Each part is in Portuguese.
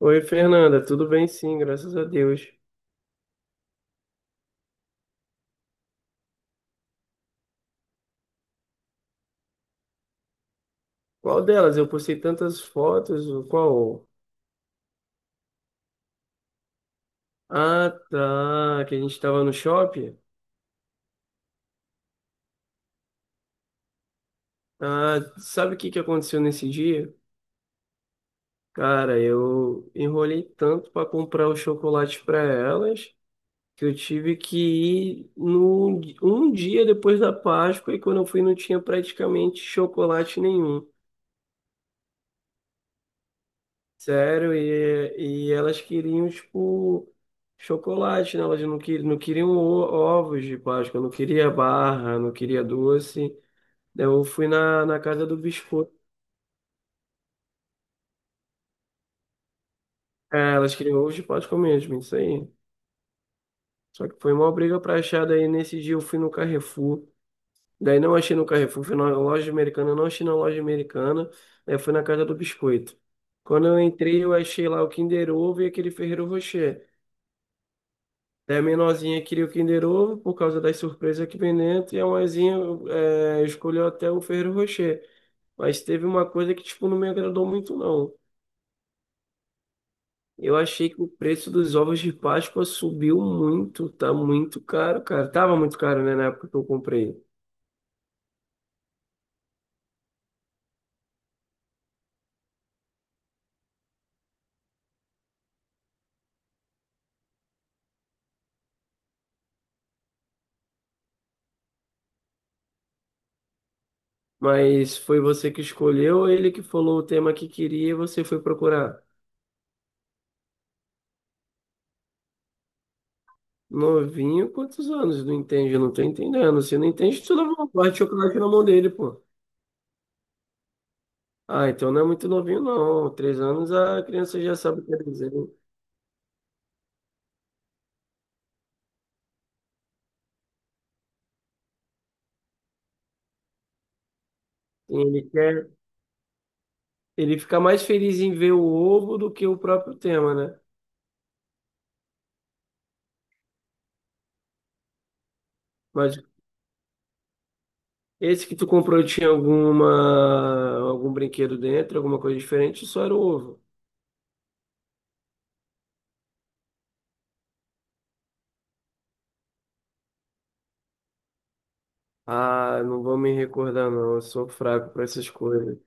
Oi, Fernanda, tudo bem? Sim, graças a Deus. Qual delas? Eu postei tantas fotos, o qual? Ah, tá, que a gente estava no shopping. Ah, sabe o que que aconteceu nesse dia? Cara, eu enrolei tanto para comprar os chocolates para elas que eu tive que ir no, um dia depois da Páscoa e quando eu fui não tinha praticamente chocolate nenhum. Sério, e elas queriam, tipo, chocolate, né? Elas não, que, não queriam ovos de Páscoa, não queria barra, não queria doce. Eu fui na casa do biscoito. É, elas queriam ovos de Páscoa mesmo, isso aí. Só que foi uma briga pra achar, daí nesse dia eu fui no Carrefour. Daí não achei no Carrefour, fui na loja americana, não achei na loja americana. Aí fui na casa do biscoito. Quando eu entrei, eu achei lá o Kinder Ovo e aquele Ferrero Rocher. Daí a menorzinha queria o Kinder Ovo por causa das surpresas que vem dentro, e a maisinha escolheu até o Ferrero Rocher. Mas teve uma coisa que, tipo, não me agradou muito, não. Eu achei que o preço dos ovos de Páscoa subiu muito, tá muito caro, cara. Tava muito caro, né, na época que eu comprei. Mas foi você que escolheu, ele que falou o tema que queria e você foi procurar. Novinho, quantos anos? Não entende, eu não tô entendendo. Se não entende, tu dá uma parte de chocolate na mão dele, pô. Ah, então não é muito novinho, não. 3 anos a criança já sabe o que é desenho. E Ele quer, ele fica mais feliz em ver o ovo do que o próprio tema, né? Mas esse que tu comprou tinha alguma, algum brinquedo dentro, alguma coisa diferente, só era o ovo. Ah, não vou me recordar, não. Eu sou fraco para essas coisas.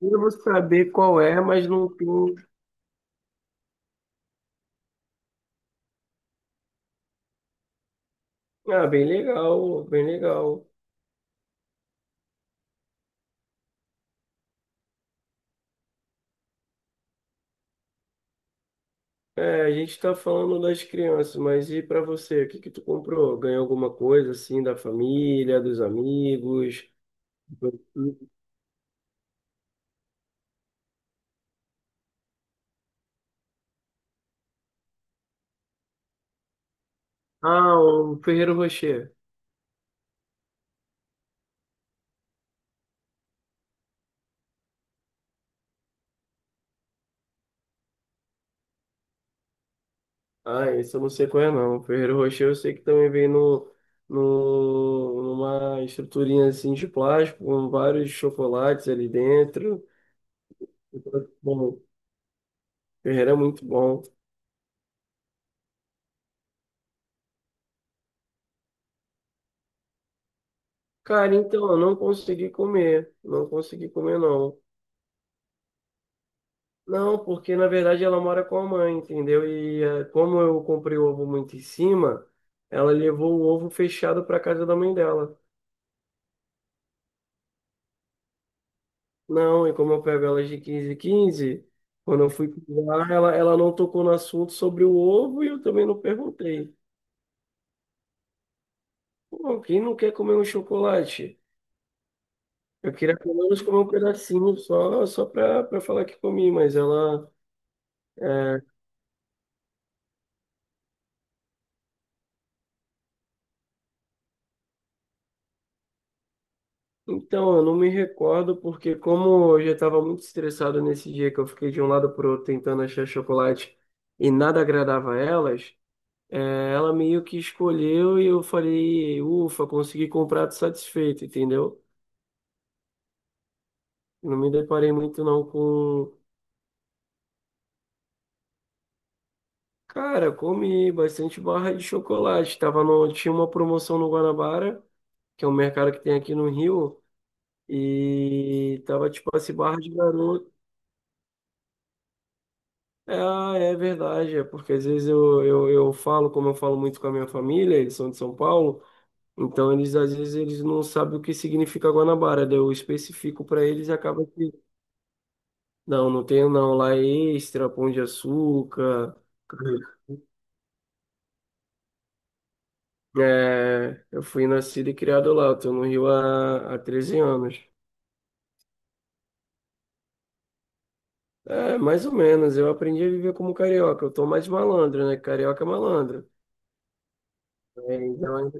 Eu vou saber qual é, mas não tem. Ah, bem legal, bem legal. É, a gente tá falando das crianças, mas e para você? O que que tu comprou? Ganhou alguma coisa assim da família, dos amigos? Ah, o Ferreiro Rocher. Ah, esse eu não sei qual é não. O Ferreiro Rocher eu sei que também vem no, no, numa estruturinha assim de plástico, com vários chocolates ali dentro. Então, bom, o Ferreiro é muito bom. Cara, então, eu não consegui comer. Não consegui comer, não. Não, porque na verdade ela mora com a mãe, entendeu? E como eu comprei o ovo muito em cima, ela levou o ovo fechado para casa da mãe dela. Não, e como eu pego elas de 15 em 15, quando eu fui lá, ela não tocou no assunto sobre o ovo e eu também não perguntei. Pô, quem não quer comer um chocolate? Eu queria pelo menos comer um pedacinho só, só para falar que comi, mas eh, então, eu não me recordo porque como eu já estava muito estressado nesse dia que eu fiquei de um lado pro outro tentando achar chocolate e nada agradava a elas, ela meio que escolheu e eu falei, ufa, consegui comprar tô satisfeito, entendeu? Não me deparei muito não com... Cara, comi bastante barra de chocolate. Tava no... Tinha uma promoção no Guanabara, que é um mercado que tem aqui no Rio, e tava tipo assim, barra de garoto. Ah, é verdade, é porque às vezes eu falo, como eu falo muito com a minha família, eles são de São Paulo, então eles às vezes eles não sabem o que significa Guanabara, daí eu especifico para eles e acaba que, não, não tenho não, lá é Extra, Pão de Açúcar, é, eu fui nascido e criado lá, eu tô no Rio há 13 anos. É, mais ou menos, eu aprendi a viver como carioca, eu tô mais malandro, né, carioca é malandro, é, então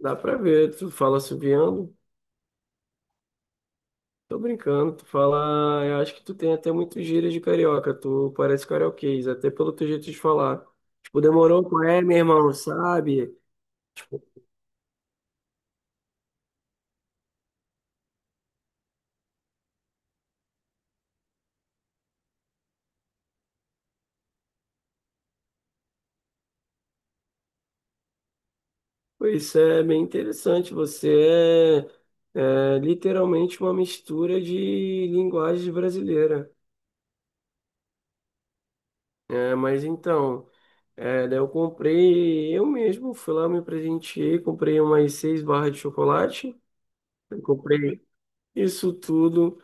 dá pra ver, tu fala assoviando. Tô brincando, tu fala. Eu acho que tu tem até muitos gírias de carioca, tu parece carioquês, até pelo teu jeito de falar. Tipo, demorou com é, meu irmão, sabe? Pois é bem interessante. Você é literalmente uma mistura de linguagem brasileira. É, mas então, daí eu comprei, eu mesmo fui lá, me presenteei, comprei umas seis barras de chocolate, eu comprei isso tudo.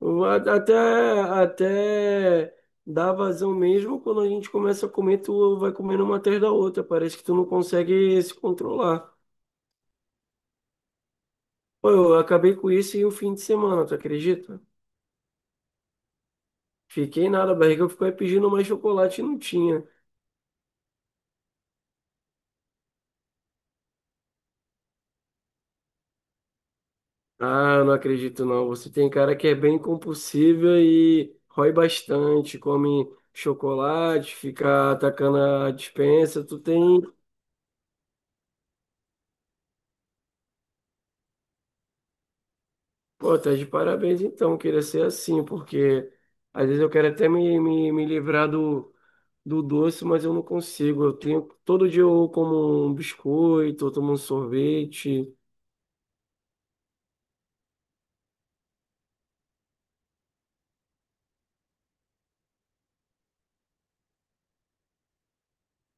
Eu a- Até, até dá vazão mesmo, quando a gente começa a comer, tu vai comendo uma atrás da outra. Parece que tu não consegue se controlar. Pô, eu acabei com isso em um fim de semana, tu acredita? Fiquei nada, a barriga ficou aí pedindo mais chocolate e não tinha. Ah, eu não acredito não. Você tem cara que é bem compulsiva e rói bastante, come chocolate, fica atacando a dispensa. Tu tem. Pô, tá de parabéns então, queria ser assim, porque às vezes eu quero até me livrar do doce, mas eu não consigo. Eu tenho, todo dia eu como um biscoito, eu tomo um sorvete.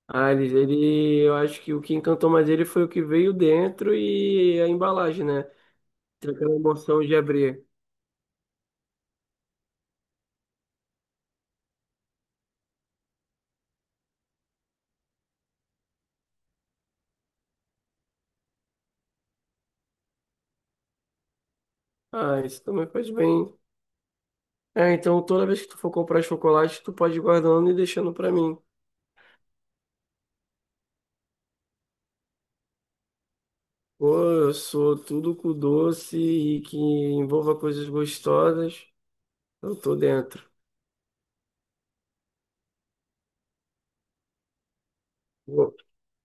Ah, eu acho que o que encantou mais ele foi o que veio dentro e a embalagem, né? Tem aquela emoção de abrir. Ah, isso também faz bem. É, então toda vez que tu for comprar chocolate, tu pode ir guardando e deixando pra mim. Pô, eu sou tudo com doce e que envolva coisas gostosas. Eu tô dentro. Pô,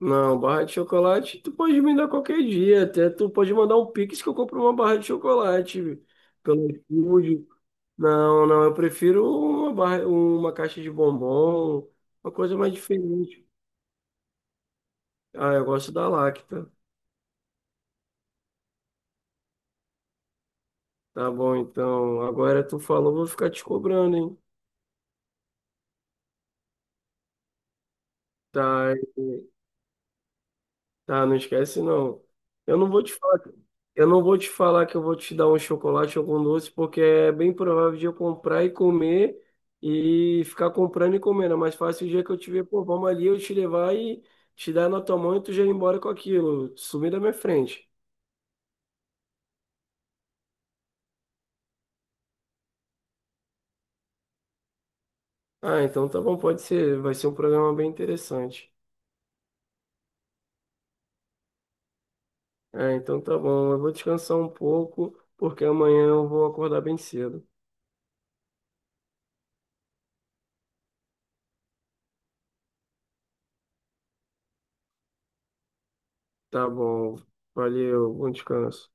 não, barra de chocolate, tu pode me dar qualquer dia. Até tu pode mandar um Pix que eu compro uma barra de chocolate pelo iFood. Não, não, eu prefiro uma barra, uma caixa de bombom, uma coisa mais diferente. Ah, eu gosto da Lacta. Tá bom, então. Agora tu falou, vou ficar te cobrando, hein? Tá, ah, não esquece não. Eu não vou te falar, que- eu não vou te falar que eu vou te dar um chocolate ou algum doce, porque é bem provável de eu comprar e comer e ficar comprando e comendo. É mais fácil o dia que eu te ver, pô, vamos ali, eu te levar e te dar na tua mão e tu já ir embora com aquilo, sumir da minha frente. Ah, então tá bom, pode ser, vai ser um programa bem interessante. Ah, então tá bom, eu vou descansar um pouco, porque amanhã eu vou acordar bem cedo. Tá bom, valeu, bom descanso.